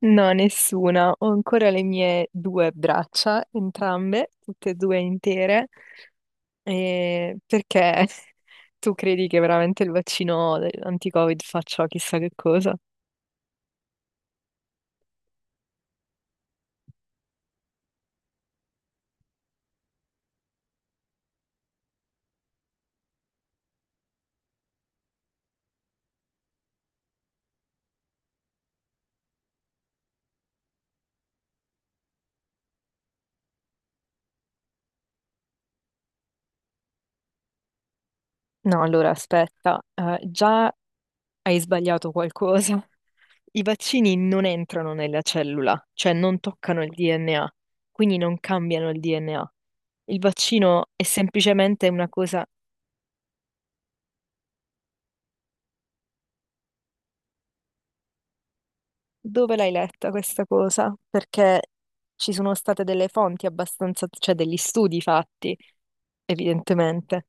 No, nessuna. Ho ancora le mie due braccia, entrambe, tutte e due intere. E perché tu credi che veramente il vaccino anti-Covid faccia chissà che cosa? No, allora aspetta, già hai sbagliato qualcosa. I vaccini non entrano nella cellula, cioè non toccano il DNA, quindi non cambiano il DNA. Il vaccino è semplicemente una cosa. Dove l'hai letta questa cosa? Perché ci sono state delle fonti abbastanza, cioè degli studi fatti, evidentemente.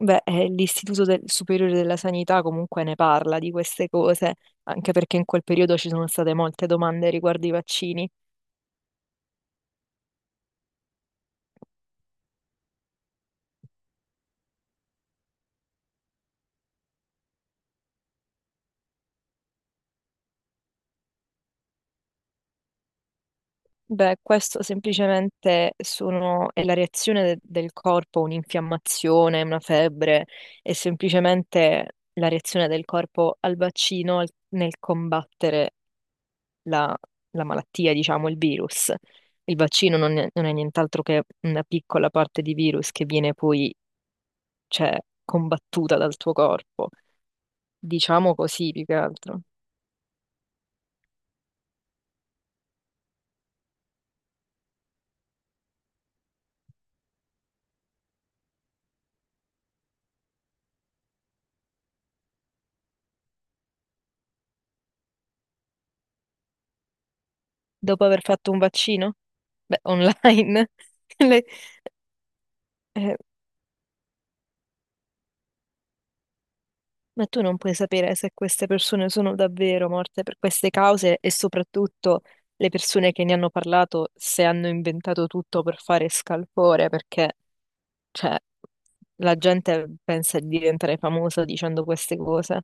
Beh, l'Istituto Superiore della Sanità comunque ne parla di queste cose, anche perché in quel periodo ci sono state molte domande riguardo i vaccini. Beh, questo semplicemente sono, è la reazione del corpo a un'infiammazione, una febbre, è semplicemente la reazione del corpo al vaccino nel combattere la, la malattia, diciamo, il virus. Il vaccino non è nient'altro che una piccola parte di virus che viene poi, cioè, combattuta dal tuo corpo. Diciamo così, più che altro. Dopo aver fatto un vaccino? Beh, online. le- eh, ma tu non puoi sapere se queste persone sono davvero morte per queste cause e soprattutto le persone che ne hanno parlato se hanno inventato tutto per fare scalpore, perché cioè, la gente pensa di diventare famosa dicendo queste cose.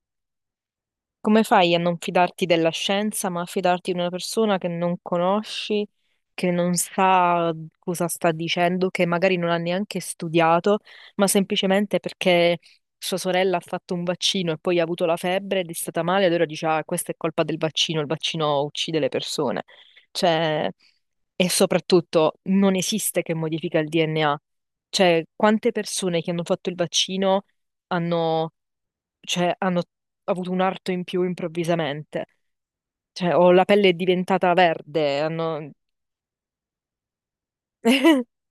Come fai a non fidarti della scienza, ma a fidarti di una persona che non conosci, che non sa cosa sta dicendo, che magari non ha neanche studiato, ma semplicemente perché sua sorella ha fatto un vaccino e poi ha avuto la febbre ed è stata male, allora dice, ah, questa è colpa del vaccino, il vaccino uccide le persone. Cioè, e soprattutto non esiste che modifica il DNA. Cioè, quante persone che hanno fatto il vaccino hanno, cioè, hanno avuto un arto in più improvvisamente. Cioè, o la pelle è diventata verde, hanno...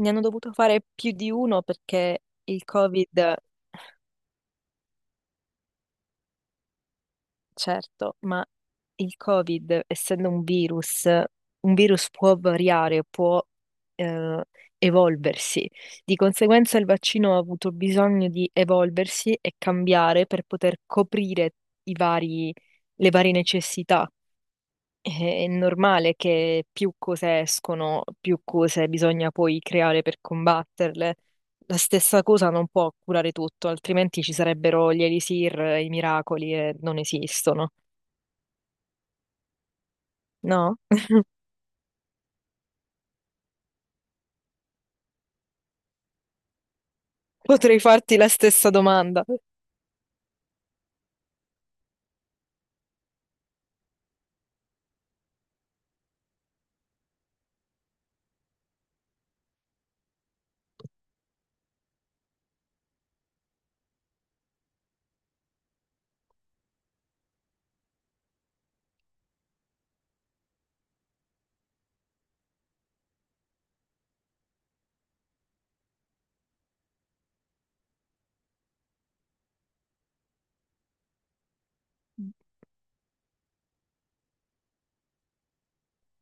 Ne hanno dovuto fare più di uno perché il Covid, certo, ma il Covid, essendo un virus può variare, può eh, evolversi. Di conseguenza il vaccino ha avuto bisogno di evolversi e cambiare per poter coprire i vari, le varie necessità. È normale che più cose escono, più cose bisogna poi creare per combatterle. La stessa cosa non può curare tutto, altrimenti ci sarebbero gli elisir, i miracoli e non esistono. No? Potrei farti la stessa domanda.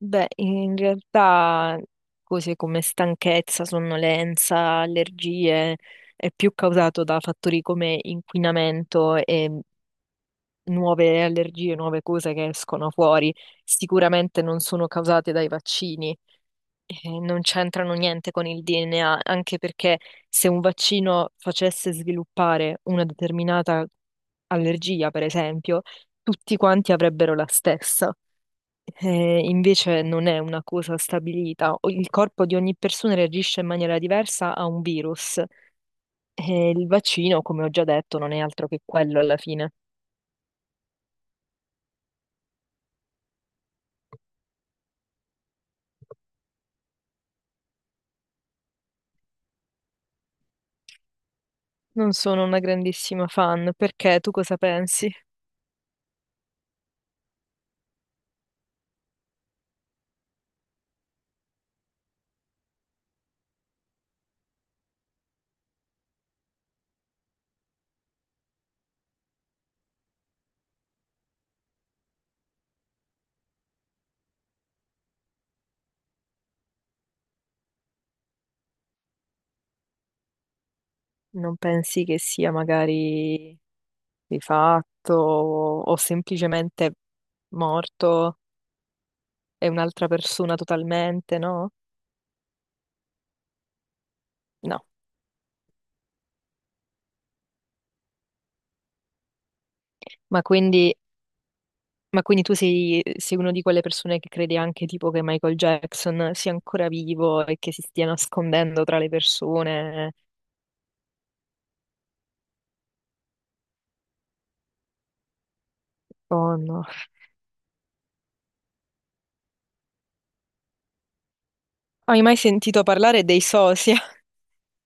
Beh, in realtà cose come stanchezza, sonnolenza, allergie è più causato da fattori come inquinamento e nuove allergie, nuove cose che escono fuori, sicuramente non sono causate dai vaccini e non c'entrano niente con il DNA, anche perché se un vaccino facesse sviluppare una determinata allergia, per esempio, tutti quanti avrebbero la stessa. Invece non è una cosa stabilita. Il corpo di ogni persona reagisce in maniera diversa a un virus e il vaccino, come ho già detto, non è altro che quello alla fine. Non sono una grandissima fan, perché tu cosa pensi? Non pensi che sia magari rifatto o semplicemente morto e un'altra persona totalmente, no? No. Ma quindi, ma quindi tu sei, sei una di quelle persone che crede anche tipo che Michael Jackson sia ancora vivo e che si stia nascondendo tra le persone? Oh no. Hai mai sentito parlare dei SOSI?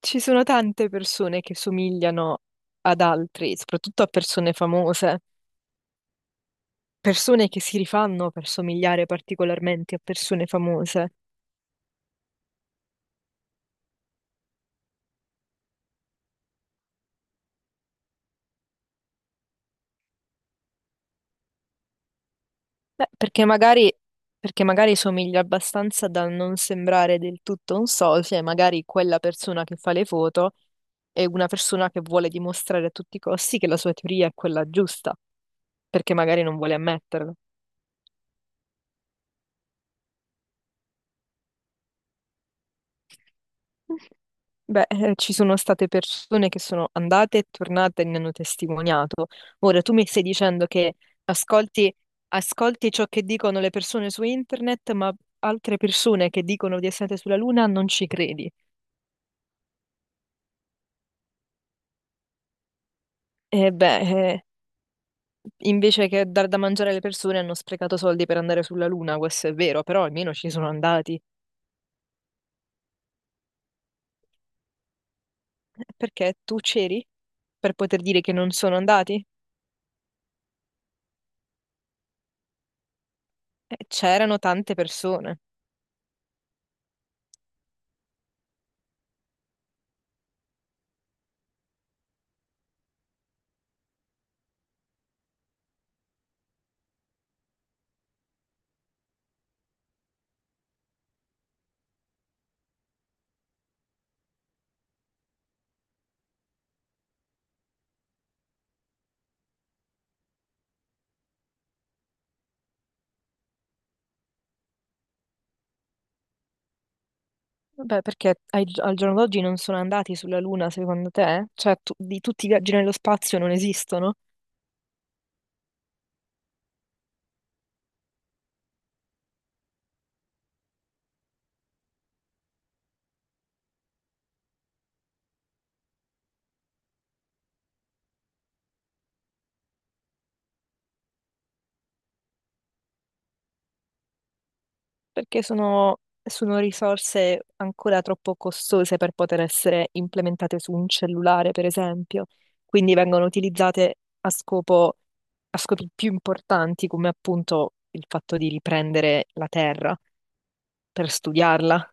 Ci sono tante persone che somigliano ad altri, soprattutto a persone famose, persone che si rifanno per somigliare particolarmente a persone famose. Beh, perché magari somiglia abbastanza da non sembrare del tutto un socio, e magari quella persona che fa le foto è una persona che vuole dimostrare a tutti i costi che la sua teoria è quella giusta, perché magari non vuole ammetterlo. Beh, ci sono state persone che sono andate e tornate e ne hanno testimoniato. Ora, tu mi stai dicendo che ascolti, ascolti ciò che dicono le persone su internet, ma altre persone che dicono di essere sulla Luna non ci credi. E beh, eh, invece che dar da mangiare alle persone hanno sprecato soldi per andare sulla Luna, questo è vero, però almeno ci sono andati. Perché tu c'eri per poter dire che non sono andati? C'erano tante persone. Beh, perché al giorno d'oggi non sono andati sulla Luna, secondo te? Cioè, di tutti i viaggi nello spazio non esistono? Perché sono, sono risorse ancora troppo costose per poter essere implementate su un cellulare, per esempio. Quindi vengono utilizzate a scopo, a scopi più importanti, come appunto il fatto di riprendere la Terra per studiarla.